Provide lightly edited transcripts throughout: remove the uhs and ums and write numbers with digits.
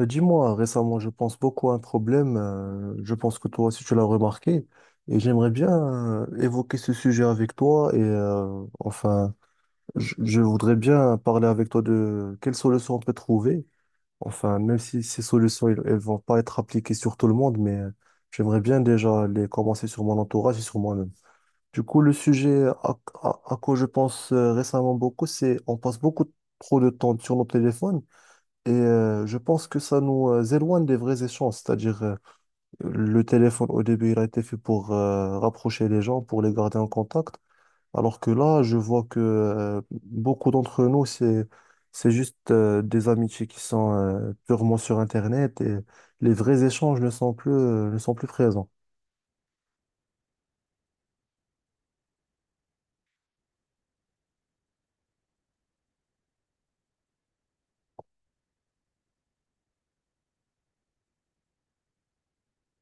Dis-moi, récemment, je pense beaucoup à un problème. Je pense que toi aussi, tu l'as remarqué. Et j'aimerais bien évoquer ce sujet avec toi. Et enfin, je voudrais bien parler avec toi de quelles solutions on peut trouver. Enfin, même si ces solutions, elles, elles vont pas être appliquées sur tout le monde, mais j'aimerais bien déjà les commencer sur mon entourage et sur moi-même. Du coup, le sujet à quoi je pense récemment beaucoup, c'est on passe beaucoup trop de temps sur nos téléphones. Et je pense que ça nous éloigne des vrais échanges, c'est-à-dire le téléphone au début il a été fait pour rapprocher les gens, pour les garder en contact, alors que là je vois que beaucoup d'entre nous, c'est juste des amitiés qui sont purement sur Internet, et les vrais échanges ne sont plus présents,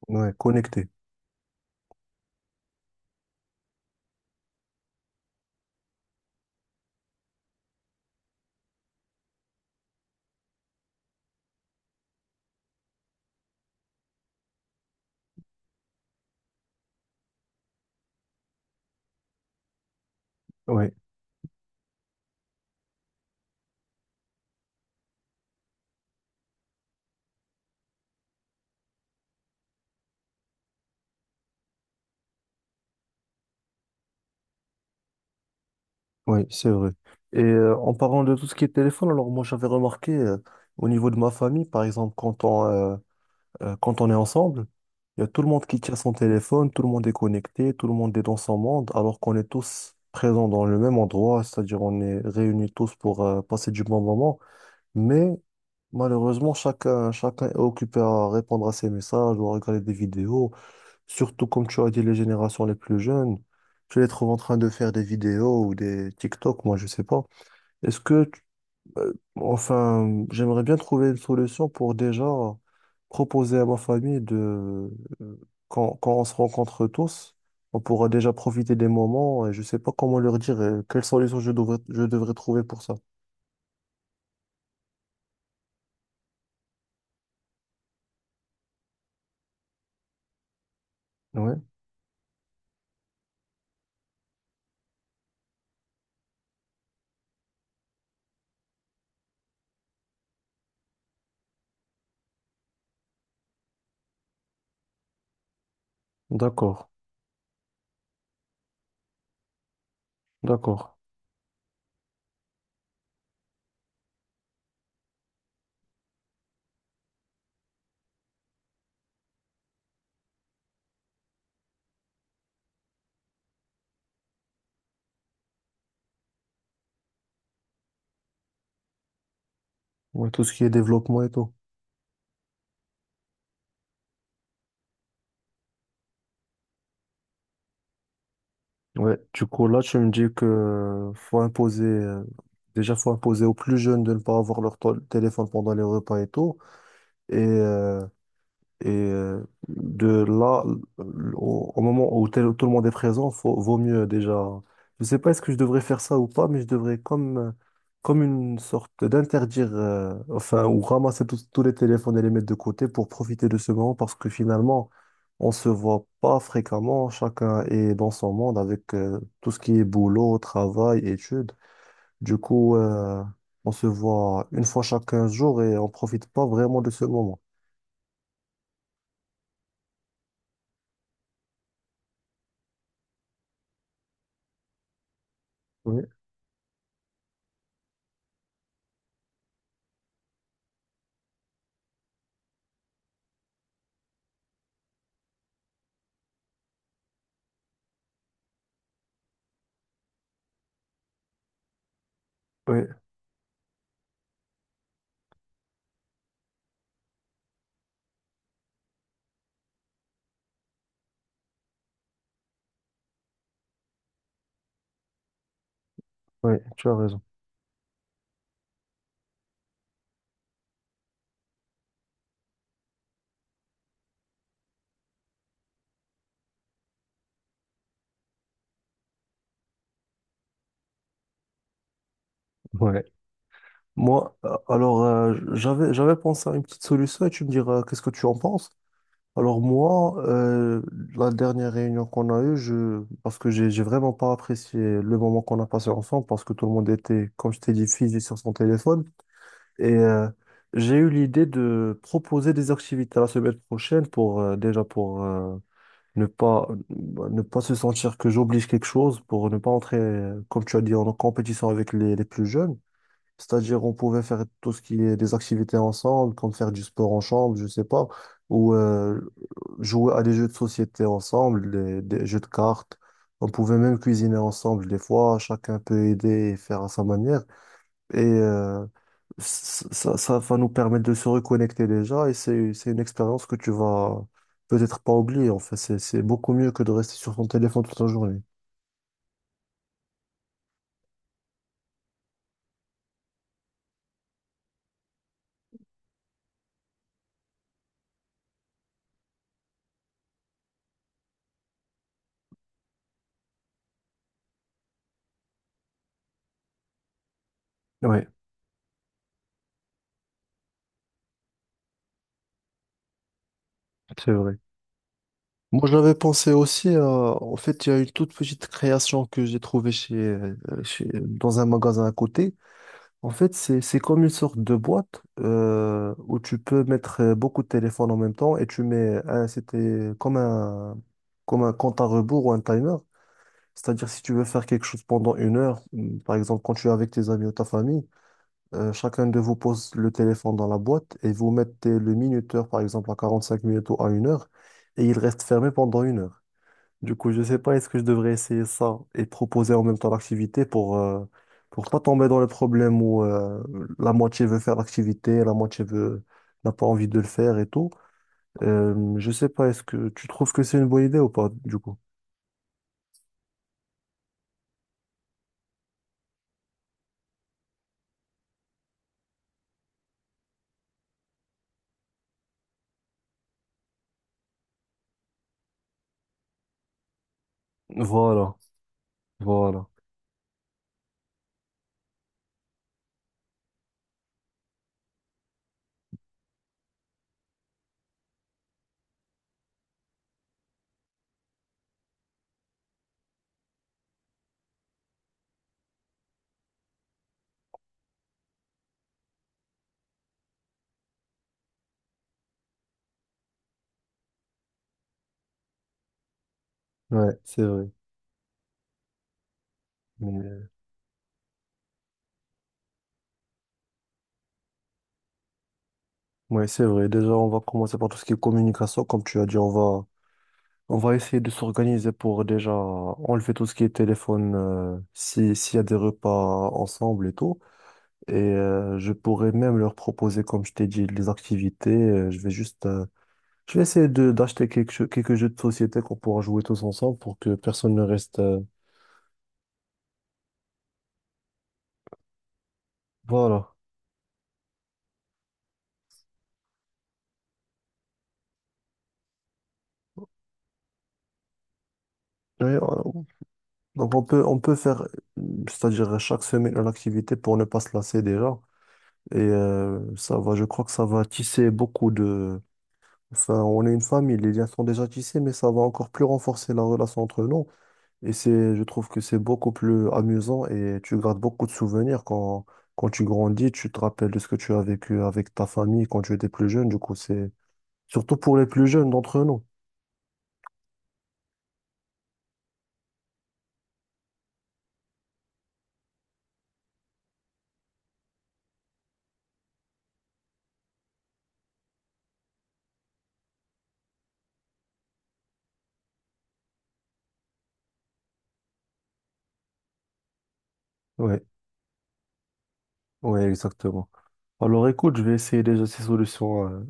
ouais, connectés. Oui, oui, c'est vrai. Et en parlant de tout ce qui est téléphone, alors moi j'avais remarqué au niveau de ma famille, par exemple quand on est ensemble, il y a tout le monde qui tient son téléphone, tout le monde est connecté, tout le monde est dans son monde, alors qu'on est tous présents dans le même endroit, c'est-à-dire on est réunis tous pour passer du bon moment. Mais malheureusement, chacun, chacun est occupé à répondre à ses messages ou à regarder des vidéos, surtout comme tu as dit, les générations les plus jeunes. Tu les trouves en train de faire des vidéos ou des TikTok, moi je sais pas. Est-ce que Enfin, j'aimerais bien trouver une solution pour déjà proposer à ma famille de, euh, quand on se rencontre tous, on pourra déjà profiter des moments, et je sais pas comment leur dire quelle solution je devrais trouver pour ça. Ouais, d'accord, d'accord. Ouais, tout ce qui est développement et tout. Ouais, du coup là tu me dis que faut imposer, déjà faut imposer aux plus jeunes de ne pas avoir leur téléphone pendant les repas et tout, et Et euh, de là, au moment où tout le monde est présent, faut, vaut mieux déjà. Je sais pas est-ce que je devrais faire ça ou pas, mais je devrais comme une sorte d'interdire, enfin, ou ramasser tous les téléphones et les mettre de côté pour profiter de ce moment, parce que finalement, on se voit pas fréquemment. Chacun est dans son monde avec tout ce qui est boulot, travail, études. Du coup, on se voit une fois chaque 15 jours et on profite pas vraiment de ce moment. Oui, oui. Ouais, tu as raison. Ouais. Moi, alors, j'avais pensé à une petite solution, et tu me diras qu'est-ce que tu en penses. Alors, moi, la dernière réunion qu'on a eue, parce que j'ai vraiment pas apprécié le moment qu'on a passé ensemble, parce que tout le monde était, comme je t'ai dit, figé sur son téléphone. Et euh, j'ai eu l'idée de proposer des activités la semaine prochaine pour, déjà, pour ne pas, ne pas se sentir que j'oblige quelque chose, pour ne pas entrer, comme tu as dit, en compétition avec les plus jeunes. C'est-à-dire, on pouvait faire tout ce qui est des activités ensemble, comme faire du sport en chambre, je sais pas, ou jouer à des jeux de société ensemble, des jeux de cartes. On pouvait même cuisiner ensemble des fois, chacun peut aider et faire à sa manière. Et euh, ça va nous permettre de se reconnecter déjà, et c'est une expérience que tu vas peut-être pas oublier. En fait, c'est beaucoup mieux que de rester sur ton téléphone toute la journée. Oui, c'est vrai. Moi, j'avais pensé aussi à... En fait, il y a une toute petite création que j'ai trouvée dans un magasin à côté. En fait, c'est comme une sorte de boîte où tu peux mettre beaucoup de téléphones en même temps, et c'était comme un compte à rebours ou un timer. C'est-à-dire, si tu veux faire quelque chose pendant une heure, par exemple, quand tu es avec tes amis ou ta famille, chacun de vous pose le téléphone dans la boîte et vous mettez le minuteur, par exemple, à 45 minutes ou à une heure, et il reste fermé pendant une heure. Du coup, je sais pas, est-ce que je devrais essayer ça et proposer en même temps l'activité pour pas tomber dans le problème où la moitié veut faire l'activité, la moitié veut n'a pas envie de le faire et tout. Euh, je sais pas, est-ce que tu trouves que c'est une bonne idée ou pas, du coup? Voilà, voilà. Ouais, c'est vrai. Mais- euh, Ouais, c'est vrai. Déjà, on va commencer par tout ce qui est communication. Comme tu as dit, on va essayer de s'organiser pour déjà enlever tout ce qui est téléphone, si, s'il y a des repas ensemble et tout. Je pourrais même leur proposer, comme je t'ai dit, les activités. Je vais juste, je vais essayer de d'acheter quelques jeux de société qu'on pourra jouer tous ensemble pour que personne ne reste. Voilà. Et, donc on peut faire, c'est-à-dire chaque semaine une activité pour ne pas se lasser déjà. Ça va, je crois que ça va tisser beaucoup de. Enfin, on est une famille, les liens sont déjà tissés, mais ça va encore plus renforcer la relation entre nous. Et je trouve que c'est beaucoup plus amusant et tu gardes beaucoup de souvenirs quand, tu grandis, tu te rappelles de ce que tu as vécu avec ta famille quand tu étais plus jeune. Du coup, c'est surtout pour les plus jeunes d'entre nous. Oui, oui, exactement. Alors écoute, je vais essayer déjà ces solutions.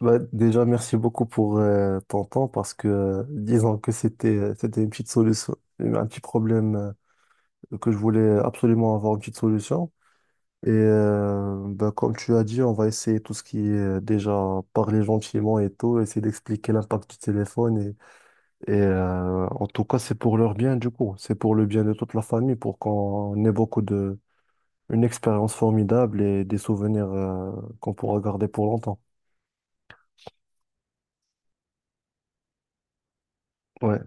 Bah, déjà, merci beaucoup pour ton temps, parce que disons que c'était, c'était une petite solution, un petit problème que je voulais absolument avoir une petite solution. Bah, comme tu as dit, on va essayer tout ce qui est déjà parler gentiment et tout, essayer d'expliquer l'impact du téléphone. En tout cas, c'est pour leur bien du coup, c'est pour le bien de toute la famille, pour qu'on ait beaucoup de, une expérience formidable et des souvenirs qu'on pourra garder pour longtemps. Ouais.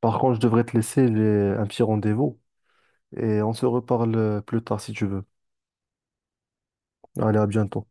Par contre, je devrais te laisser, j'ai un petit rendez-vous et on se reparle plus tard si tu veux. Allez, à bientôt.